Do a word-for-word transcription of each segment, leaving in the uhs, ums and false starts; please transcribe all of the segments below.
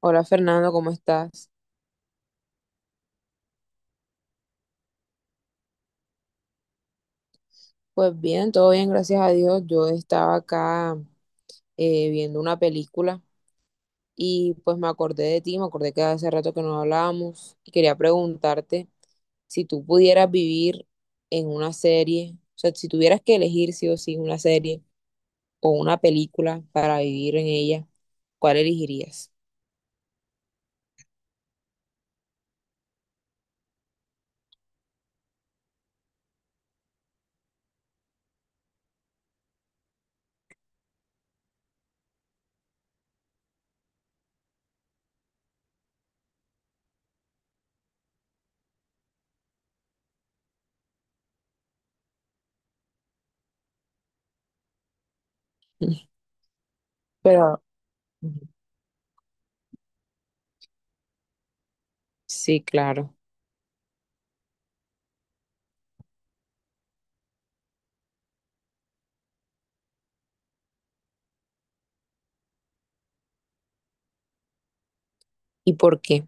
Hola Fernando, ¿cómo estás? Pues bien, todo bien, gracias a Dios. Yo estaba acá eh, viendo una película y pues me acordé de ti, me acordé que hace rato que no hablábamos y quería preguntarte si tú pudieras vivir en una serie, o sea, si tuvieras que elegir sí o sí una serie o una película para vivir en ella, ¿cuál elegirías? Pero, ujú. Sí, claro. ¿Y por qué?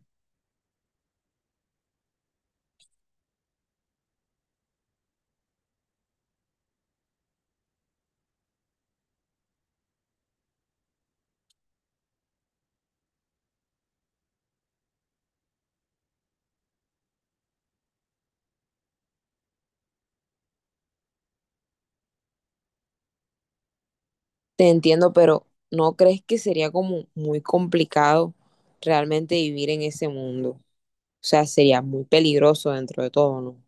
Te entiendo, pero ¿no crees que sería como muy complicado realmente vivir en ese mundo? O sea, sería muy peligroso dentro de todo, ¿no?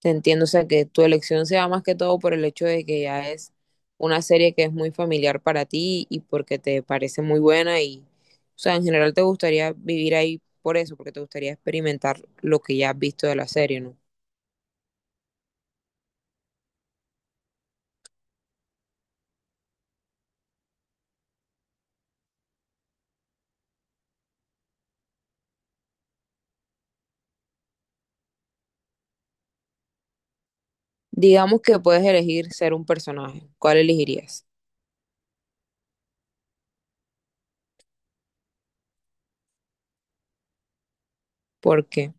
Te entiendo, o sea, que tu elección sea más que todo por el hecho de que ya es una serie que es muy familiar para ti y porque te parece muy buena y, o sea, en general te gustaría vivir ahí por eso, porque te gustaría experimentar lo que ya has visto de la serie, ¿no? Digamos que puedes elegir ser un personaje, ¿cuál elegirías? ¿Por qué?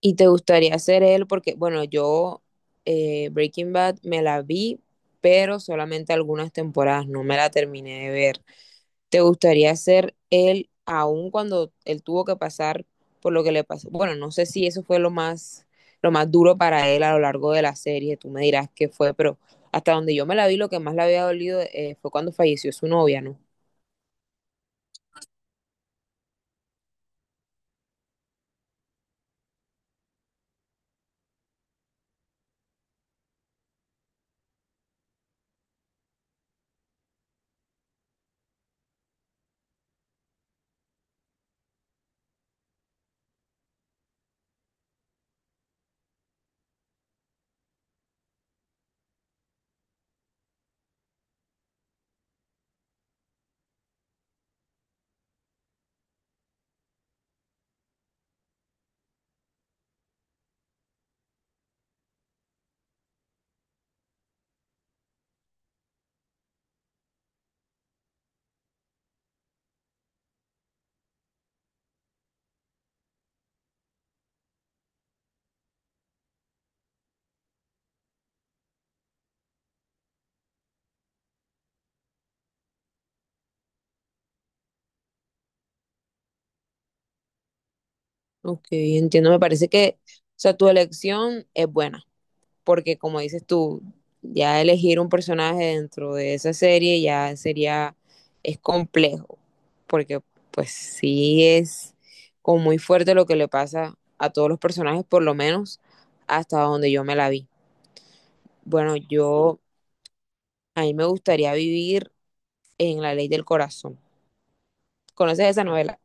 ¿Y te gustaría ser él? Porque, bueno, yo, eh, Breaking Bad me la vi, pero solamente algunas temporadas, no me la terminé de ver. ¿Te gustaría ser él aún cuando él tuvo que pasar por lo que le pasó? Bueno, no sé si eso fue lo más, lo más duro para él a lo largo de la serie, tú me dirás qué fue, pero hasta donde yo me la vi, lo que más le había dolido eh, fue cuando falleció su novia, ¿no? Ok, entiendo, me parece que, o sea, tu elección es buena. Porque como dices tú, ya elegir un personaje dentro de esa serie ya sería, es complejo, porque pues sí es como muy fuerte lo que le pasa a todos los personajes, por lo menos hasta donde yo me la vi. Bueno, yo, a mí me gustaría vivir en La Ley del Corazón. ¿Conoces esa novela?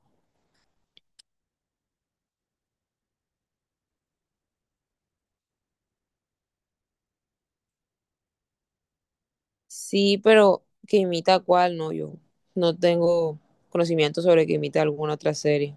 Sí, pero que imita a cuál, no, yo no tengo conocimiento sobre que imita alguna otra serie.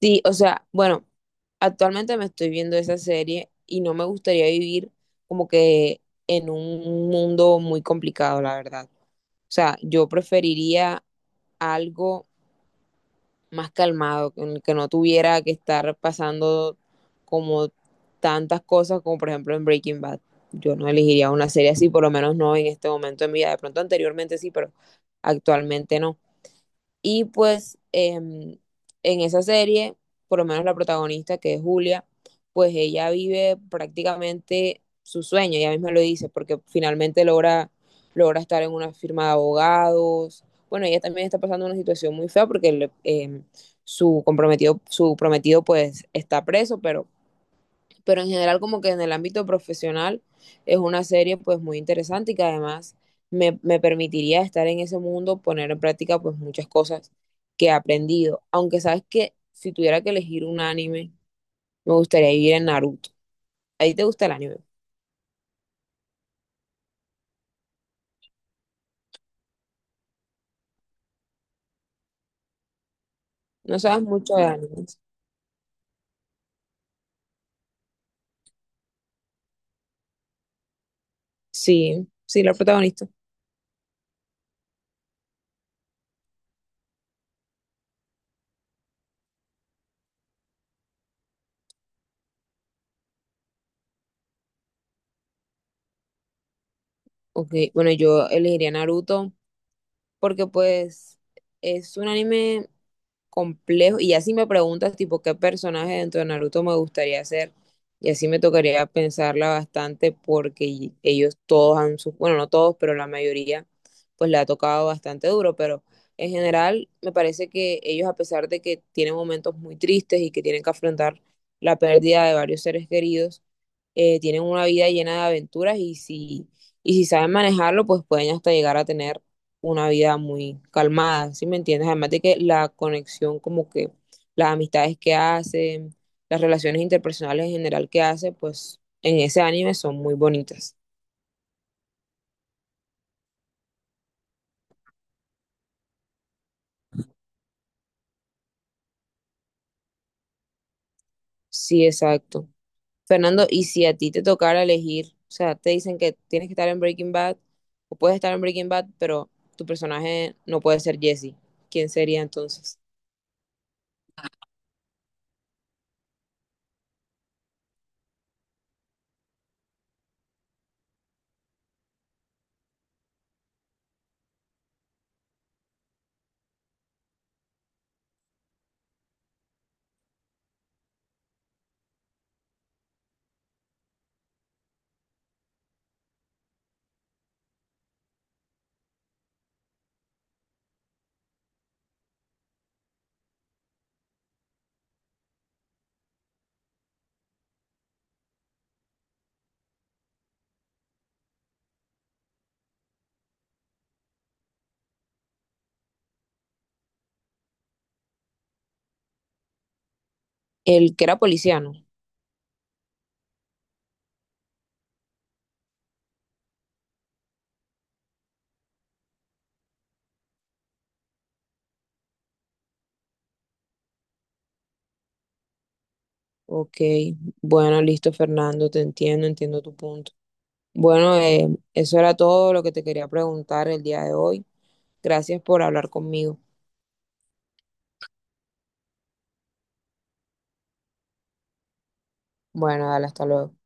Sí, o sea, bueno, actualmente me estoy viendo esa serie y no me gustaría vivir como que en un mundo muy complicado, la verdad. O sea, yo preferiría algo más calmado, en el que no tuviera que estar pasando como tantas cosas como por ejemplo en Breaking Bad. Yo no elegiría una serie así, por lo menos no en este momento de mi vida. De pronto anteriormente sí, pero actualmente no. Y pues em, en esa serie, por lo menos la protagonista, que es Julia, pues ella vive prácticamente su sueño, ella misma lo dice, porque finalmente logra, logra estar en una firma de abogados. Bueno, ella también está pasando una situación muy fea porque le- em, su comprometido, su prometido pues está preso, pero pero en general como que en el ámbito profesional es una serie pues muy interesante y que además me, me permitiría estar en ese mundo, poner en práctica pues muchas cosas que he aprendido. Aunque sabes que si tuviera que elegir un anime, me gustaría vivir en Naruto. ¿A ti te gusta el anime? No sabes mucho de animes. Sí, sí, la protagonista. Ok, bueno, yo elegiría Naruto porque pues es un anime complejo. Y así me preguntas, tipo, qué personaje dentro de Naruto me gustaría ser. Y así me tocaría pensarla bastante porque ellos todos han, su- bueno, no todos, pero la mayoría, pues le ha tocado bastante duro. Pero en general, me parece que ellos, a pesar de que tienen momentos muy tristes y que tienen que afrontar la pérdida de varios seres queridos, eh, tienen una vida llena de aventuras y si, y si saben manejarlo, pues pueden hasta llegar a tener una vida muy calmada, ¿sí me entiendes? Además de que la conexión, como que las amistades que hace, las relaciones interpersonales en general que hace, pues en ese anime son muy bonitas. Sí, exacto. Fernando, y si a ti te tocara elegir, o sea, te dicen que tienes que estar en Breaking Bad, o puedes estar en Breaking Bad, pero tu personaje no puede ser Jesse, ¿quién sería entonces? El que era policiano. Ok, bueno, listo, Fernando, te entiendo, entiendo tu punto. Bueno, eh, eso era todo lo que te quería preguntar el día de hoy. Gracias por hablar conmigo. Bueno, dale, hasta luego.